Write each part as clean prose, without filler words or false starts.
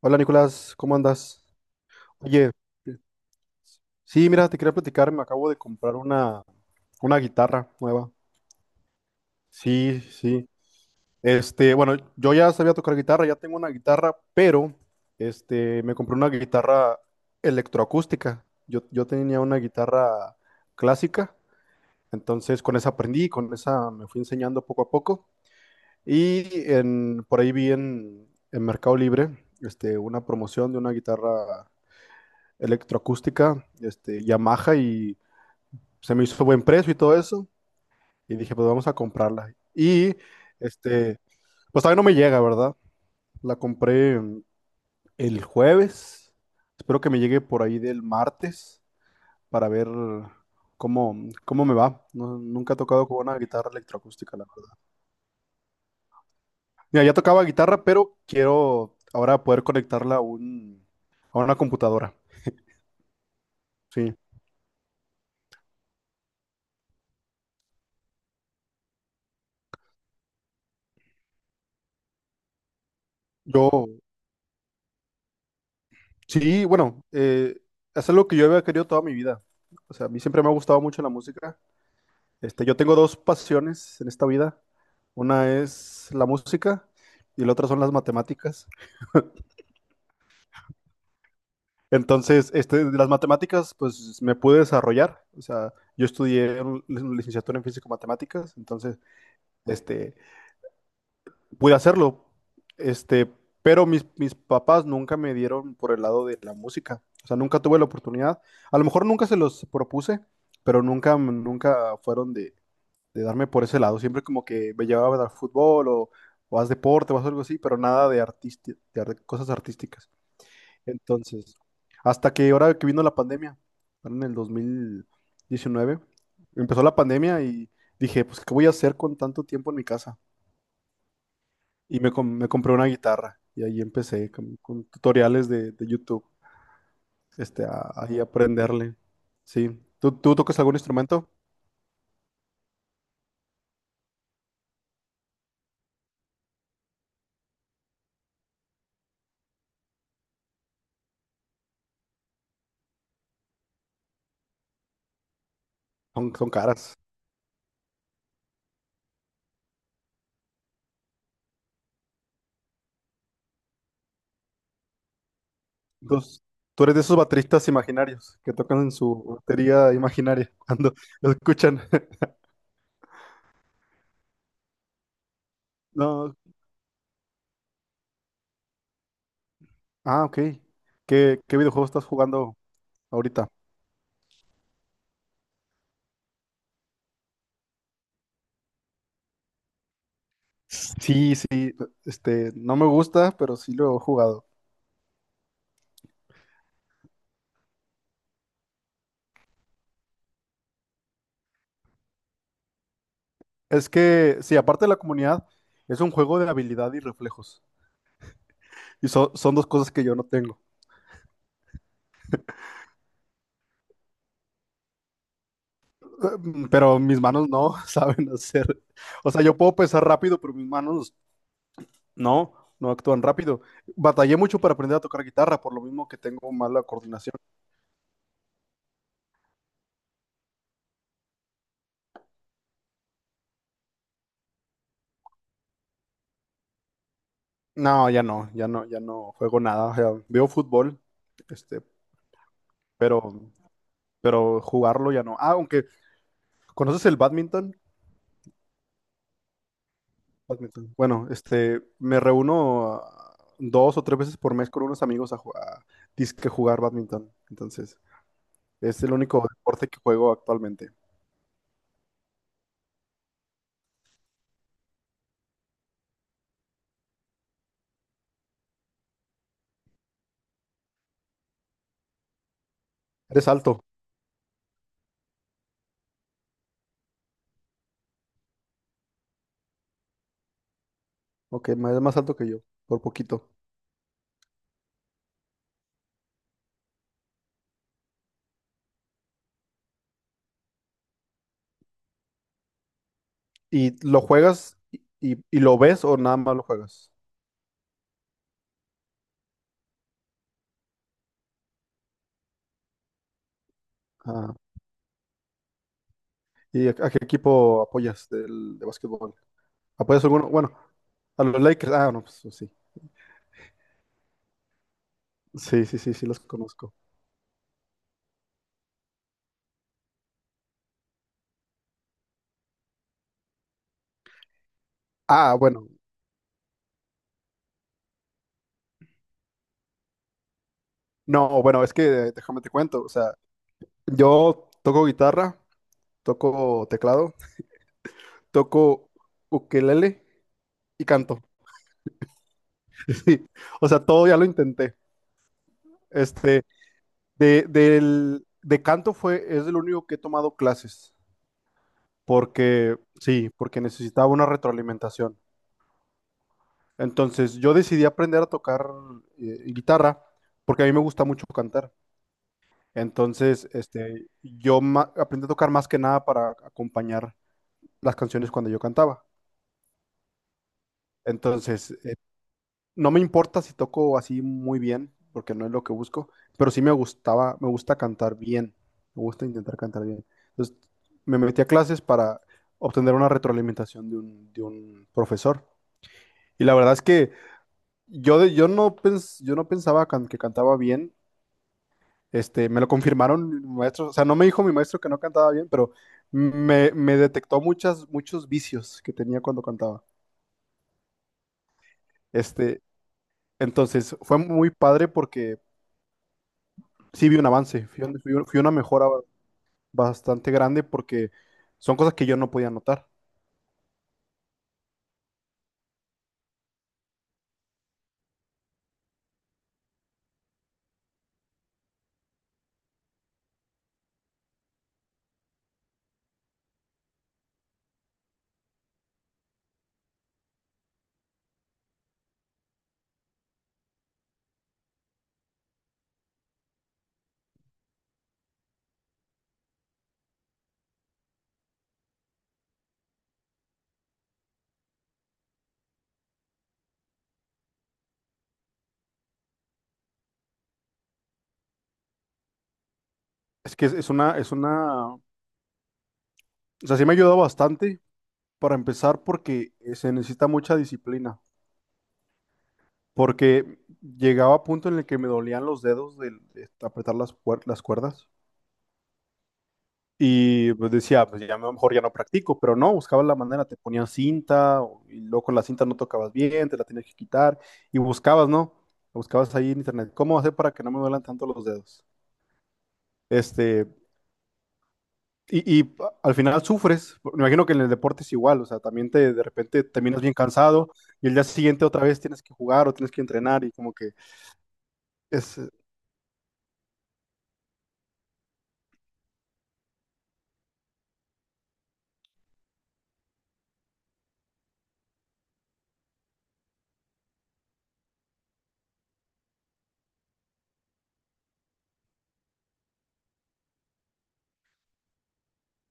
Hola Nicolás, ¿cómo andas? Oye, sí, mira, te quería platicar, me acabo de comprar una guitarra nueva. Sí, sí. Bueno, yo ya sabía tocar guitarra, ya tengo una guitarra, pero me compré una guitarra electroacústica. Yo tenía una guitarra clásica, entonces con esa aprendí, con esa me fui enseñando poco a poco. Y por ahí vi en Mercado Libre una promoción de una guitarra electroacústica Yamaha, y se me hizo buen precio y todo eso. Y dije, pues vamos a comprarla. Y este, pues todavía no me llega, ¿verdad? La compré el jueves. Espero que me llegue por ahí del martes para ver cómo, cómo me va. Nunca he tocado con una guitarra electroacústica, la verdad. Mira, ya tocaba guitarra, pero quiero ahora poder conectarla a a una computadora. Sí. Yo, Sí, bueno, es algo que yo había querido toda mi vida. O sea, a mí siempre me ha gustado mucho la música. Yo tengo dos pasiones en esta vida. Una es la música y la otra son las matemáticas. Entonces, de las matemáticas, pues me pude desarrollar. O sea, yo estudié una licenciatura en físico-matemáticas. Entonces, este, pude hacerlo, este, pero mis papás nunca me dieron por el lado de la música, o sea, nunca tuve la oportunidad, a lo mejor nunca se los propuse, pero nunca, nunca fueron de darme por ese lado, siempre como que me llevaban al fútbol o haz deporte o haz algo así, pero nada de, cosas artísticas. Entonces, hasta que ahora que vino la pandemia, en el 2019, empezó la pandemia y dije, pues, ¿qué voy a hacer con tanto tiempo en mi casa? Y me compré una guitarra y ahí empecé con tutoriales de YouTube, ahí aprenderle. Sí. ¿Tú tocas algún instrumento? Son, son caras. Entonces, tú eres de esos bateristas imaginarios que tocan en su batería imaginaria cuando lo escuchan. No. Ah, ok. ¿Qué videojuego estás jugando ahorita? Sí, sí. No me gusta, pero sí lo he jugado. Es que, sí, aparte de la comunidad, es un juego de habilidad y reflejos. Y son dos cosas que yo no tengo. Pero mis manos no saben hacer. O sea, yo puedo pensar rápido, pero mis manos no, no actúan rápido. Batallé mucho para aprender a tocar guitarra, por lo mismo que tengo mala coordinación. No, ya no, ya no, ya no juego nada. O sea, veo fútbol, este, pero, pero jugarlo ya no. Ah, aunque, ¿conoces el badminton? Badminton. Bueno, me reúno dos o tres veces por mes con unos amigos a jugar, a disque jugar badminton. Entonces, es el único deporte que juego actualmente. Eres alto. Ok, es más alto que yo, por poquito. ¿Y lo juegas y lo ves o nada más lo juegas? Ah, ¿y a qué equipo apoyas del, de básquetbol? ¿Apoyas alguno? Bueno, a los Lakers. Ah, no, pues pues sí. Sí, sí, sí, sí, los conozco. Ah, bueno. No, bueno, es que déjame te cuento. O sea, yo toco guitarra, toco teclado, toco ukelele y canto. Sí. O sea, todo ya lo intenté. Este, de canto fue, es el único que he tomado clases. Porque sí, porque necesitaba una retroalimentación. Entonces yo decidí aprender a tocar guitarra porque a mí me gusta mucho cantar. Entonces, aprendí a tocar más que nada para acompañar las canciones cuando yo cantaba. Entonces, no me importa si toco así muy bien, porque no es lo que busco, pero sí me gustaba, me gusta cantar bien, me gusta intentar cantar bien. Entonces, me metí a clases para obtener una retroalimentación de de un profesor. Y la verdad es que yo no pensaba que cantaba bien. Me lo confirmaron mi maestro. O sea, no me dijo mi maestro que no cantaba bien, pero me detectó muchos vicios que tenía cuando cantaba. Este, entonces, fue muy padre porque sí vi un avance, fui una mejora bastante grande porque son cosas que yo no podía notar. Es que es una, o sea, sí me ayudó bastante para empezar porque se necesita mucha disciplina. Porque llegaba a punto en el que me dolían los dedos de apretar las cuerdas y pues decía, pues ya mejor ya no practico, pero no, buscaba la manera, te ponían cinta y luego con la cinta no tocabas bien, te la tenías que quitar y buscabas, ¿no? Buscabas ahí en internet, ¿cómo hacer para que no me duelan tanto los dedos? Este, y al final sufres, me imagino que en el deporte es igual, o sea, también te de repente terminas bien cansado y el día siguiente otra vez tienes que jugar o tienes que entrenar y como que es,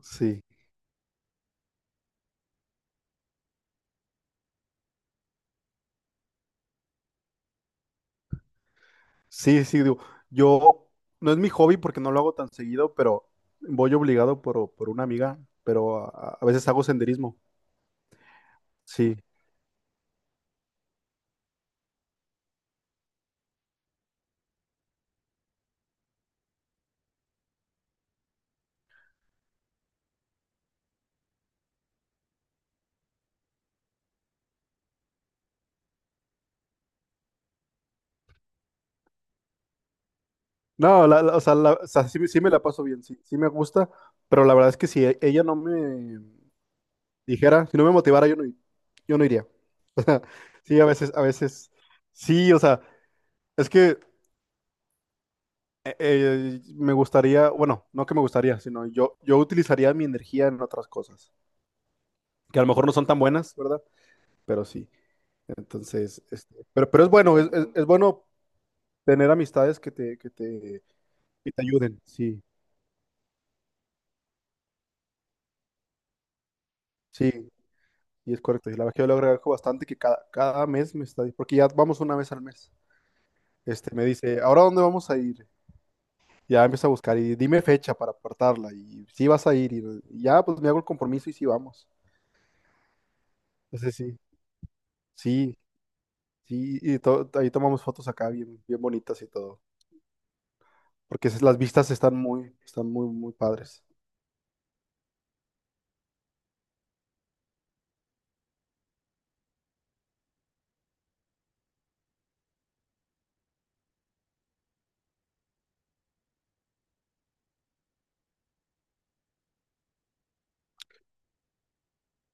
sí. Sí, sí, digo, yo no es mi hobby porque no lo hago tan seguido, pero voy obligado por una amiga, pero a veces hago senderismo. Sí. No, o sea, o sea, sí me la paso bien, sí, sí me gusta, pero la verdad es que si ella no me dijera, si no me motivara, yo no, yo no iría. O sea, sí, a veces, sí, o sea, es que me gustaría, bueno, no que me gustaría, sino yo utilizaría mi energía en otras cosas, que a lo mejor no son tan buenas, ¿verdad? Pero sí. Entonces, pero es bueno, es bueno tener amistades que te, que te ayuden, sí, sí, y es correcto. Y la verdad que yo le agradezco bastante que cada mes me está, porque ya vamos una vez al mes, me dice, ¿ahora dónde vamos a ir? Ya empieza a buscar y dime fecha para apartarla y si vas a ir y ya pues me hago el compromiso y sí vamos. Entonces sí, sí, sí, y ahí tomamos fotos acá bien, bien bonitas y todo, porque las vistas están muy, muy padres.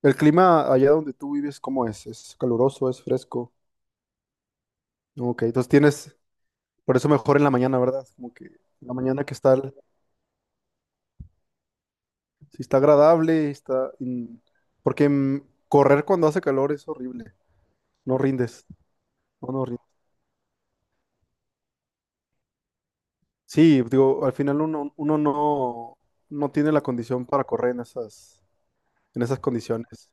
El clima allá donde tú vives, ¿cómo es? ¿Es caluroso? ¿Es fresco? No, ok, entonces tienes, por eso mejor en la mañana, ¿verdad? Como que en la mañana que está, si está agradable, está, porque correr cuando hace calor es horrible, no rindes, no, no rindes. Sí, digo, al final uno, uno no, no tiene la condición para correr en esas condiciones.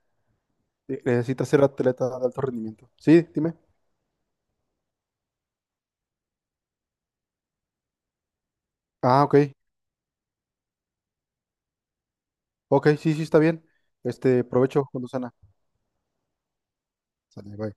Sí, necesita ser atleta de alto rendimiento. Sí, dime. Ah, ok, ok, sí, sí, está bien. Provecho cuando sana. Sale, bye.